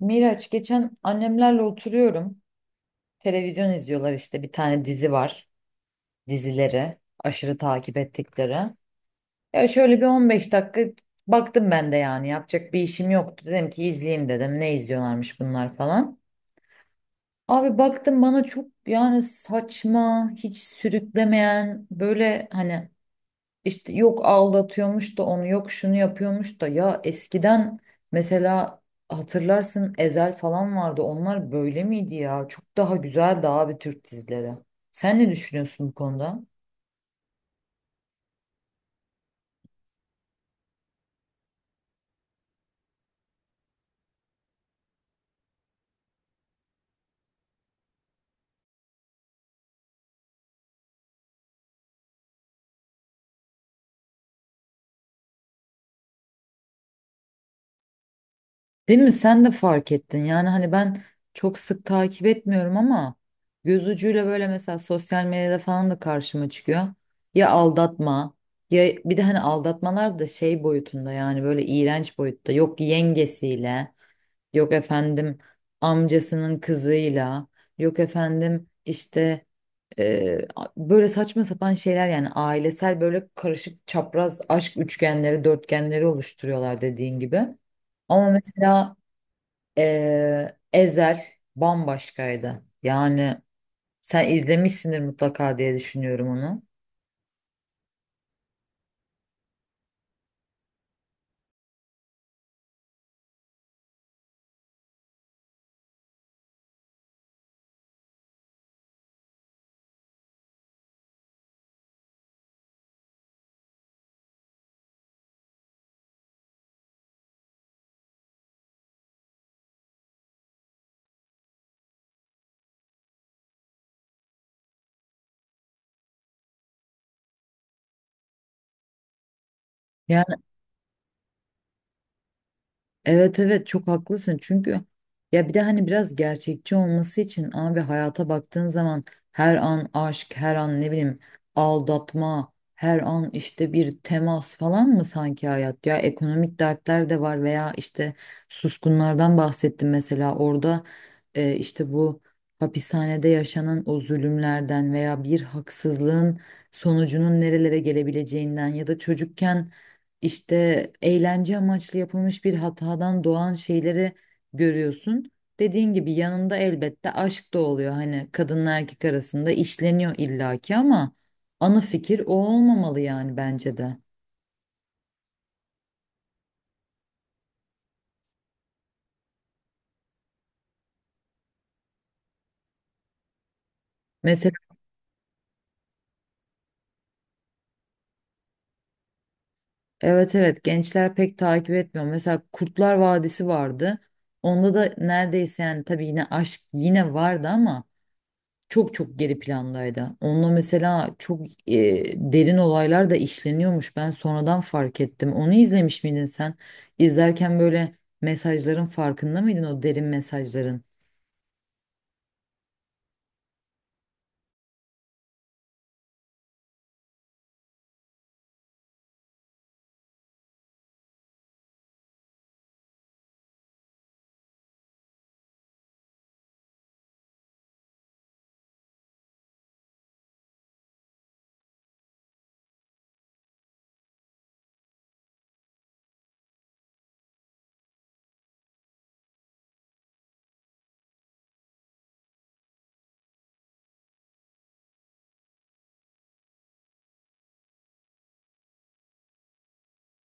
Miraç, geçen annemlerle oturuyorum. Televizyon izliyorlar, işte bir tane dizi var. Dizileri aşırı takip ettikleri. Ya şöyle bir 15 dakika baktım ben de, yani yapacak bir işim yoktu. Dedim ki izleyeyim, dedim ne izliyorlarmış bunlar falan. Abi baktım, bana çok yani saçma, hiç sürüklemeyen, böyle hani İşte yok aldatıyormuş da onu, yok şunu yapıyormuş da, ya eskiden mesela hatırlarsın, Ezel falan vardı, onlar böyle miydi ya? Çok daha güzeldi abi Türk dizileri. Sen ne düşünüyorsun bu konuda? Değil mi, sen de fark ettin. Yani hani ben çok sık takip etmiyorum ama göz ucuyla böyle mesela sosyal medyada falan da karşıma çıkıyor. Ya aldatma, ya bir de hani aldatmalar da şey boyutunda, yani böyle iğrenç boyutta, yok yengesiyle, yok efendim amcasının kızıyla, yok efendim işte böyle saçma sapan şeyler, yani ailesel böyle karışık çapraz aşk üçgenleri, dörtgenleri oluşturuyorlar dediğin gibi. Ama mesela Ezel bambaşkaydı. Yani sen izlemişsindir mutlaka diye düşünüyorum onu. Yani evet evet, çok haklısın. Çünkü ya bir de hani biraz gerçekçi olması için abi, hayata baktığın zaman her an aşk, her an ne bileyim aldatma, her an işte bir temas falan mı sanki hayat? Ya ekonomik dertler de var, veya işte suskunlardan bahsettim mesela, orada işte bu hapishanede yaşanan o zulümlerden veya bir haksızlığın sonucunun nerelere gelebileceğinden ya da çocukken işte eğlence amaçlı yapılmış bir hatadan doğan şeyleri görüyorsun. Dediğin gibi yanında elbette aşk da oluyor. Hani kadınla erkek arasında işleniyor illaki ama ana fikir o olmamalı yani bence de. Mesela evet evet, gençler pek takip etmiyor. Mesela Kurtlar Vadisi vardı. Onda da neredeyse, yani tabii yine aşk yine vardı ama çok çok geri plandaydı. Onunla mesela çok derin olaylar da işleniyormuş. Ben sonradan fark ettim. Onu izlemiş miydin sen? İzlerken böyle mesajların farkında mıydın, o derin mesajların?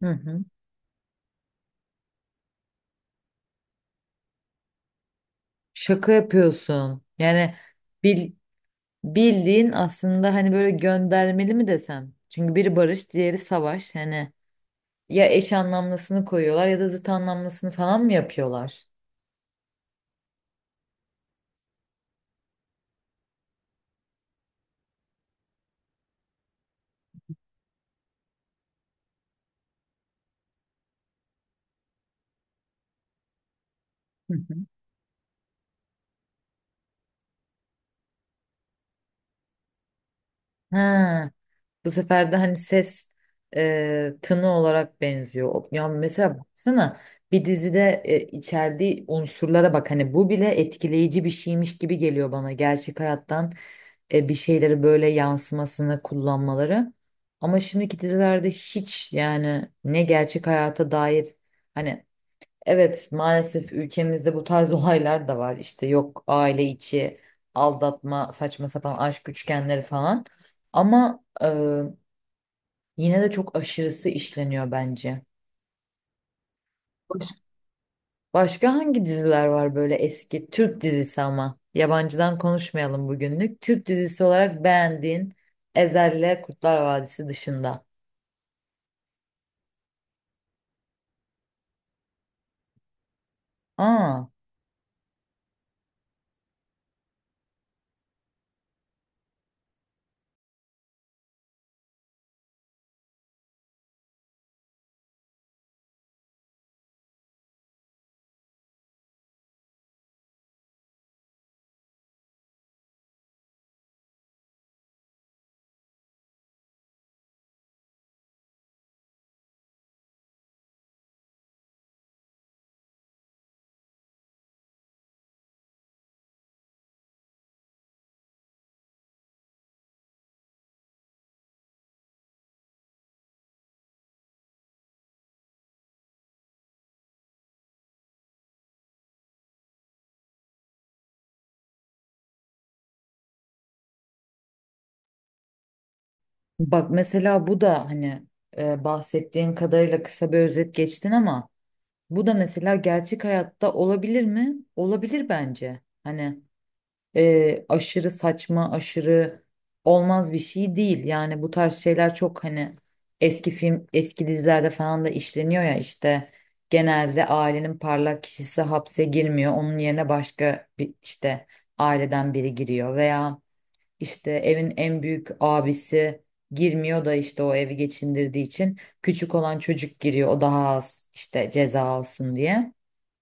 Hı hı. Şaka yapıyorsun. Yani bil- bildiğin aslında, hani böyle göndermeli mi desem? Çünkü biri barış, diğeri savaş. Hani ya eş anlamlısını koyuyorlar ya da zıt anlamlısını falan mı yapıyorlar? Hı hı. Ha. Bu sefer de hani ses, tını olarak benziyor. Ya mesela baksana, bir dizide içerdiği unsurlara bak, hani bu bile etkileyici bir şeymiş gibi geliyor bana. Gerçek hayattan bir şeyleri böyle yansımasını kullanmaları. Ama şimdiki dizilerde hiç yani, ne gerçek hayata dair, hani evet, maalesef ülkemizde bu tarz olaylar da var. İşte yok, aile içi aldatma, saçma sapan aşk üçgenleri falan. Ama yine de çok aşırısı işleniyor bence. Baş- Başka hangi diziler var böyle, eski Türk dizisi, ama yabancıdan konuşmayalım bugünlük. Türk dizisi olarak beğendiğin, Ezel'le Kurtlar Vadisi dışında. Aa, bak mesela bu da hani bahsettiğin kadarıyla kısa bir özet geçtin ama bu da mesela gerçek hayatta olabilir mi? Olabilir bence. Hani aşırı saçma, aşırı olmaz bir şey değil. Yani bu tarz şeyler çok hani eski film, eski dizilerde falan da işleniyor ya, işte genelde ailenin parlak kişisi hapse girmiyor. Onun yerine başka bir, işte aileden biri giriyor, veya işte evin en büyük abisi girmiyor da işte o evi geçindirdiği için küçük olan çocuk giriyor, o daha az işte ceza alsın diye.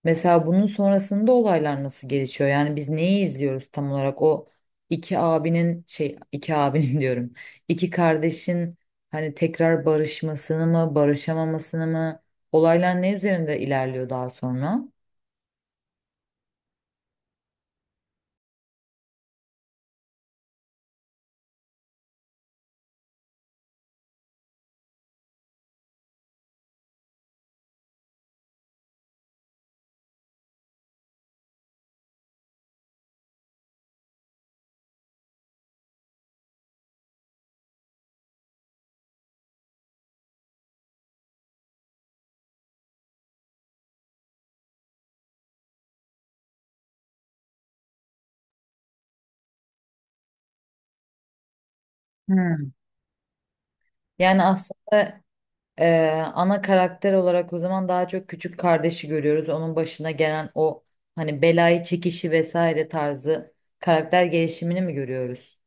Mesela bunun sonrasında olaylar nasıl gelişiyor? Yani biz neyi izliyoruz tam olarak? O iki abinin, şey, iki abinin diyorum. İki kardeşin hani tekrar barışmasını mı, barışamamasını mı? Olaylar ne üzerinde ilerliyor daha sonra? Hmm. Yani aslında ana karakter olarak o zaman daha çok küçük kardeşi görüyoruz. Onun başına gelen o hani belayı çekişi vesaire tarzı, karakter gelişimini mi görüyoruz?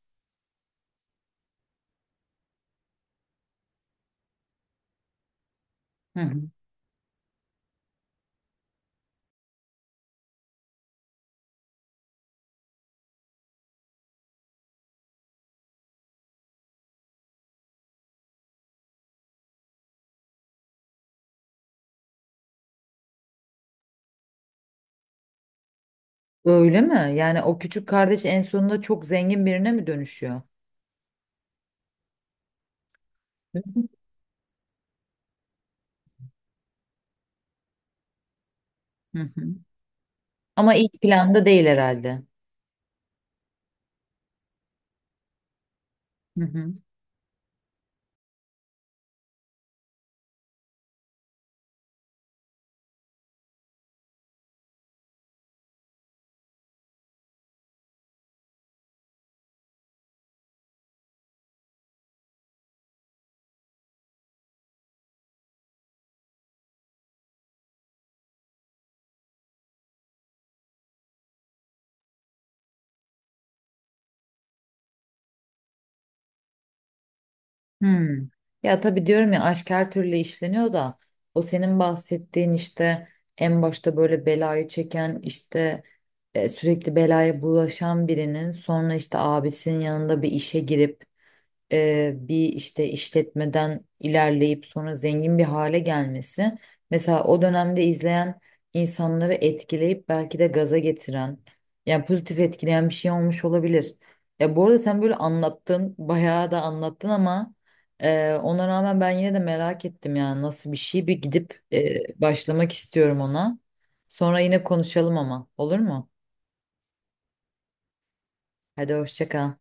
Öyle mi? Yani o küçük kardeş en sonunda çok zengin birine mi dönüşüyor? Hı hı. Hı hı. Ama ilk planda değil herhalde. Hı hı. Hmm. Ya tabii diyorum ya, aşk her türlü işleniyor da o senin bahsettiğin, işte en başta böyle belayı çeken, işte sürekli belaya bulaşan birinin sonra işte abisinin yanında bir işe girip, bir işte işletmeden ilerleyip sonra zengin bir hale gelmesi, mesela o dönemde izleyen insanları etkileyip belki de gaza getiren, yani pozitif etkileyen bir şey olmuş olabilir. Ya bu arada sen böyle anlattın, bayağı da anlattın, ama ona rağmen ben yine de merak ettim. Yani nasıl bir şey, bir gidip başlamak istiyorum ona. Sonra yine konuşalım ama, olur mu? Hadi hoşça kal.